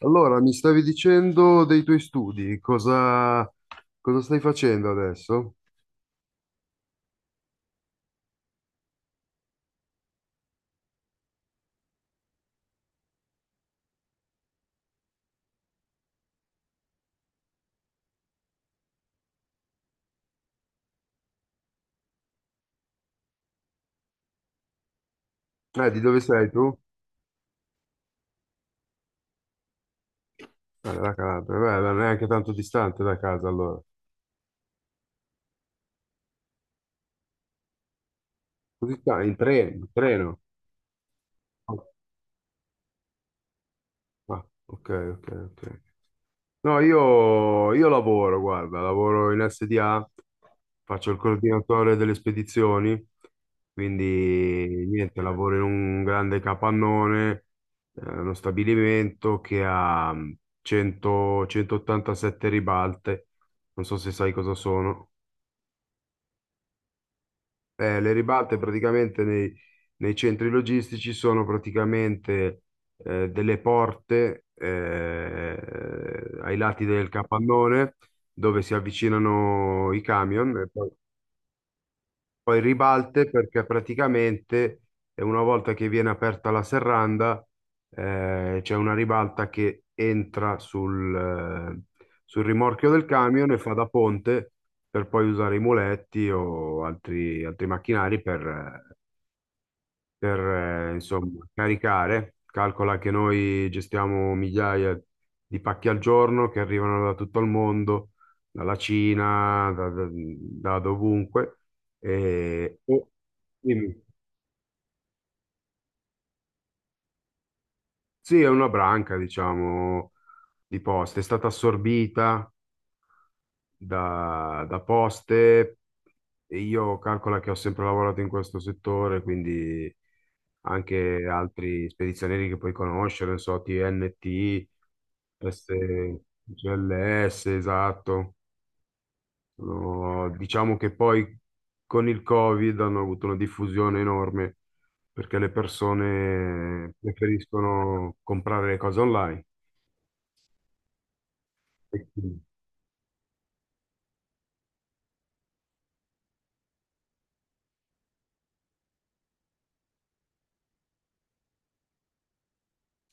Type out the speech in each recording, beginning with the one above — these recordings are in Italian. Allora, mi stavi dicendo dei tuoi studi, cosa, cosa stai facendo adesso? Di dove sei tu? Da Calabria, beh, non è neanche tanto distante da casa allora. Così sta, in treno, in treno. Ah, ok, ok, ok. No, io lavoro, guarda, lavoro in SDA, faccio il coordinatore delle spedizioni, quindi niente, lavoro in un grande capannone, uno stabilimento che ha 100 187 ribalte, non so se sai cosa sono. Le ribalte praticamente nei centri logistici sono praticamente delle porte ai lati del capannone dove si avvicinano i camion e poi, poi ribalte perché praticamente una volta che viene aperta la serranda c'è una ribalta che entra sul rimorchio del camion e fa da ponte per poi usare i muletti o altri macchinari eh, per insomma caricare. Calcola che noi gestiamo migliaia di pacchi al giorno che arrivano da tutto il mondo, dalla Cina, da dovunque. E, e- Dimmi. Sì, è una branca, diciamo, di poste. È stata assorbita da poste e io calcola che ho sempre lavorato in questo settore, quindi anche altri spedizionieri che puoi conoscere, non so, TNT, S, GLS, esatto. Diciamo che poi con il Covid hanno avuto una diffusione enorme perché le persone preferiscono comprare le cose online. E quindi-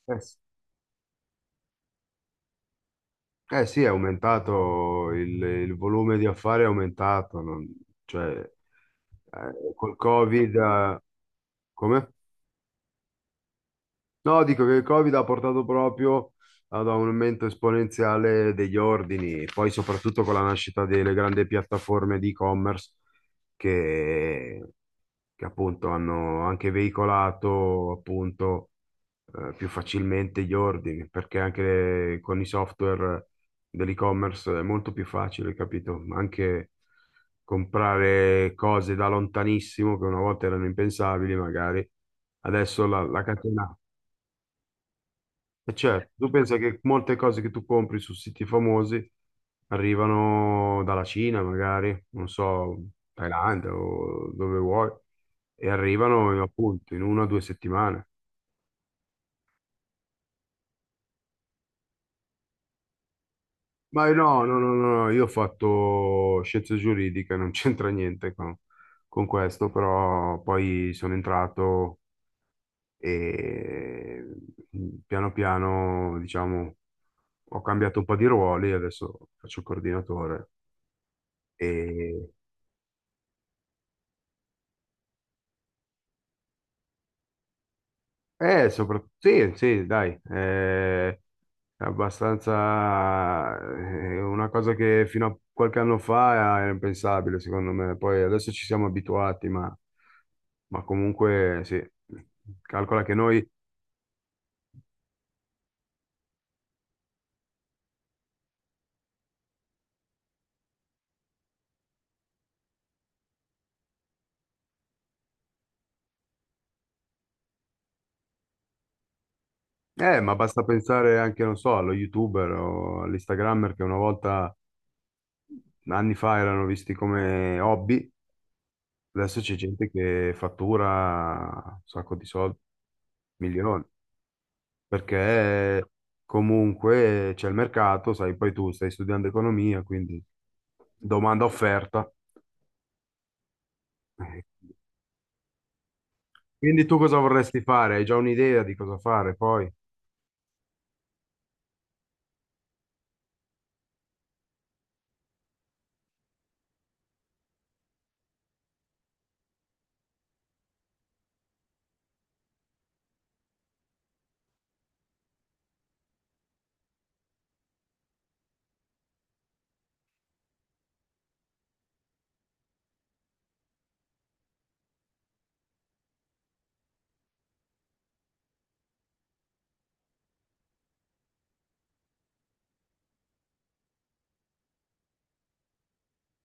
Sì, eh sì, è aumentato, il volume di affari è aumentato, cioè col Covid, come? No, dico che il Covid ha portato proprio ad un aumento esponenziale degli ordini, poi soprattutto con la nascita delle grandi piattaforme di e-commerce che, che appunto hanno anche veicolato appunto più facilmente gli ordini, perché anche con i software dell'e-commerce è molto più facile, capito? Anche comprare cose da lontanissimo che una volta erano impensabili, magari adesso la catena. E certo, tu pensa che molte cose che tu compri su siti famosi arrivano dalla Cina, magari, non so, Thailandia o dove vuoi, e arrivano appunto in una o due settimane. Ma io no, no, no, no, io ho fatto scienze giuridiche, non c'entra niente con, con questo, però poi sono entrato e piano piano, diciamo, ho cambiato un po' di ruoli, adesso faccio il coordinatore e soprattutto, sì, sì, dai, è abbastanza, è una cosa che fino a qualche anno fa era impensabile, secondo me, poi adesso ci siamo abituati, ma comunque sì, calcola che noi, ma basta pensare anche, non so, allo YouTuber o all'Instagrammer che una volta, anni fa, erano visti come hobby, adesso c'è gente che fattura un sacco di soldi, milioni. Perché comunque c'è il mercato, sai, poi tu stai studiando economia, quindi domanda offerta. Quindi tu cosa vorresti fare? Hai già un'idea di cosa fare poi?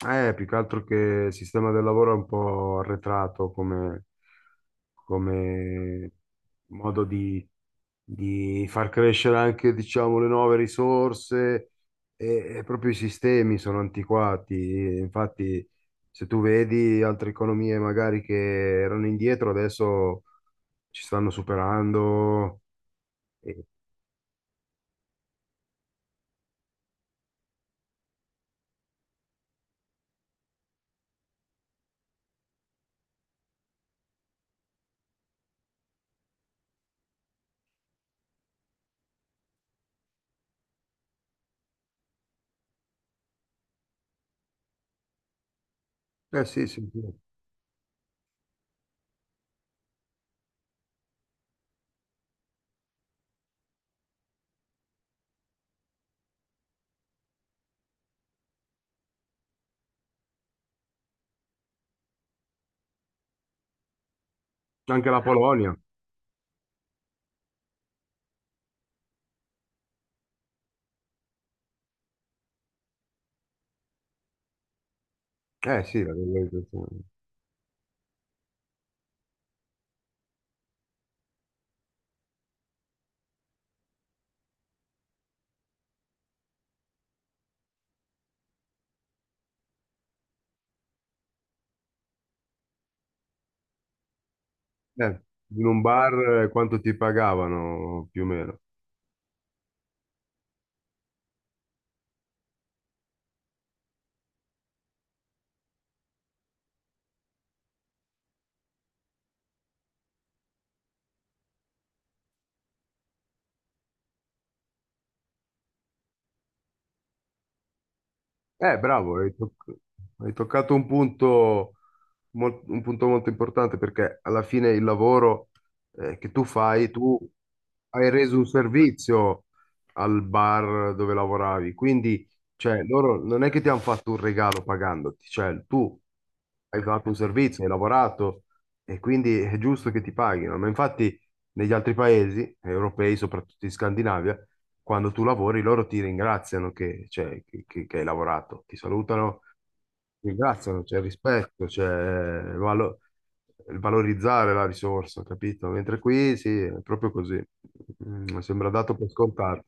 Più che altro che il sistema del lavoro è un po' arretrato come modo di far crescere anche, diciamo, le nuove risorse e proprio i sistemi sono antiquati. Infatti, se tu vedi altre economie magari che erano indietro, adesso ci stanno superando. E- Eh sì, sì, sì. Anche la Polonia. Eh sì, la globalizzazione. Eh, in un bar quanto ti pagavano più o meno? Bravo, hai toccato un punto molto importante perché alla fine il lavoro che tu fai, tu hai reso un servizio al bar dove lavoravi, quindi cioè, loro non è che ti hanno fatto un regalo pagandoti, cioè tu hai fatto un servizio, hai lavorato e quindi è giusto che ti paghino. Ma infatti negli altri paesi europei, soprattutto in Scandinavia, quando tu lavori loro ti ringraziano che che hai lavorato, ti salutano ringraziano, c'è il rispetto, il valorizzare la risorsa, capito? Mentre qui sì, è proprio così. Mm, sembra dato per scontato.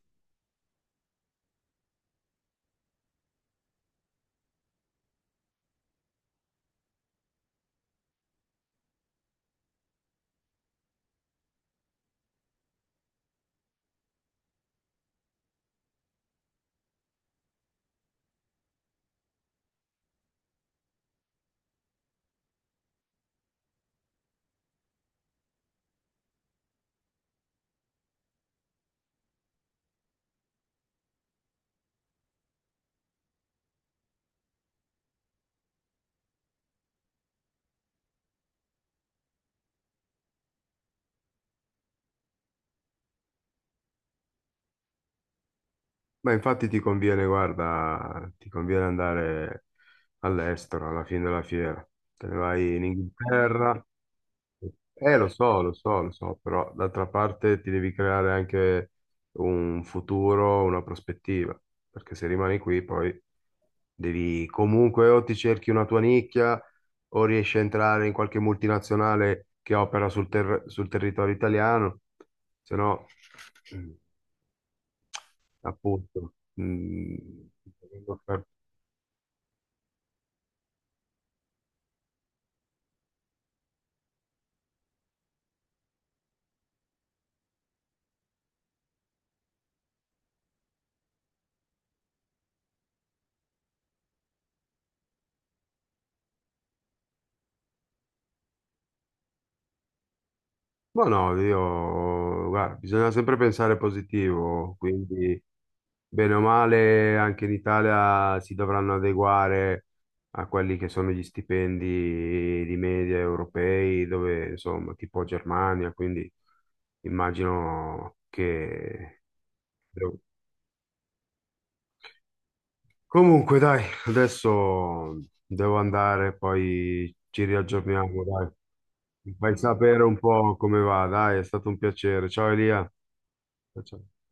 Ma infatti ti conviene, guarda, ti conviene andare all'estero alla fine della fiera. Te ne vai in Inghilterra. Lo so, lo so, lo so, però d'altra parte ti devi creare anche un futuro, una prospettiva, perché se rimani qui poi devi comunque o ti cerchi una tua nicchia o riesci a entrare in qualche multinazionale che opera sul territorio italiano, se no... mm, appunto. Mm, vengo a far- Ma no, io, guarda, bisogna sempre pensare positivo, quindi bene o male anche in Italia si dovranno adeguare a quelli che sono gli stipendi di media europei, dove insomma, tipo Germania, quindi immagino che comunque, dai, adesso devo andare, poi ci riaggiorniamo, dai. Mi fai sapere un po' come va, dai, è stato un piacere. Ciao Elia. Ciao, ciao.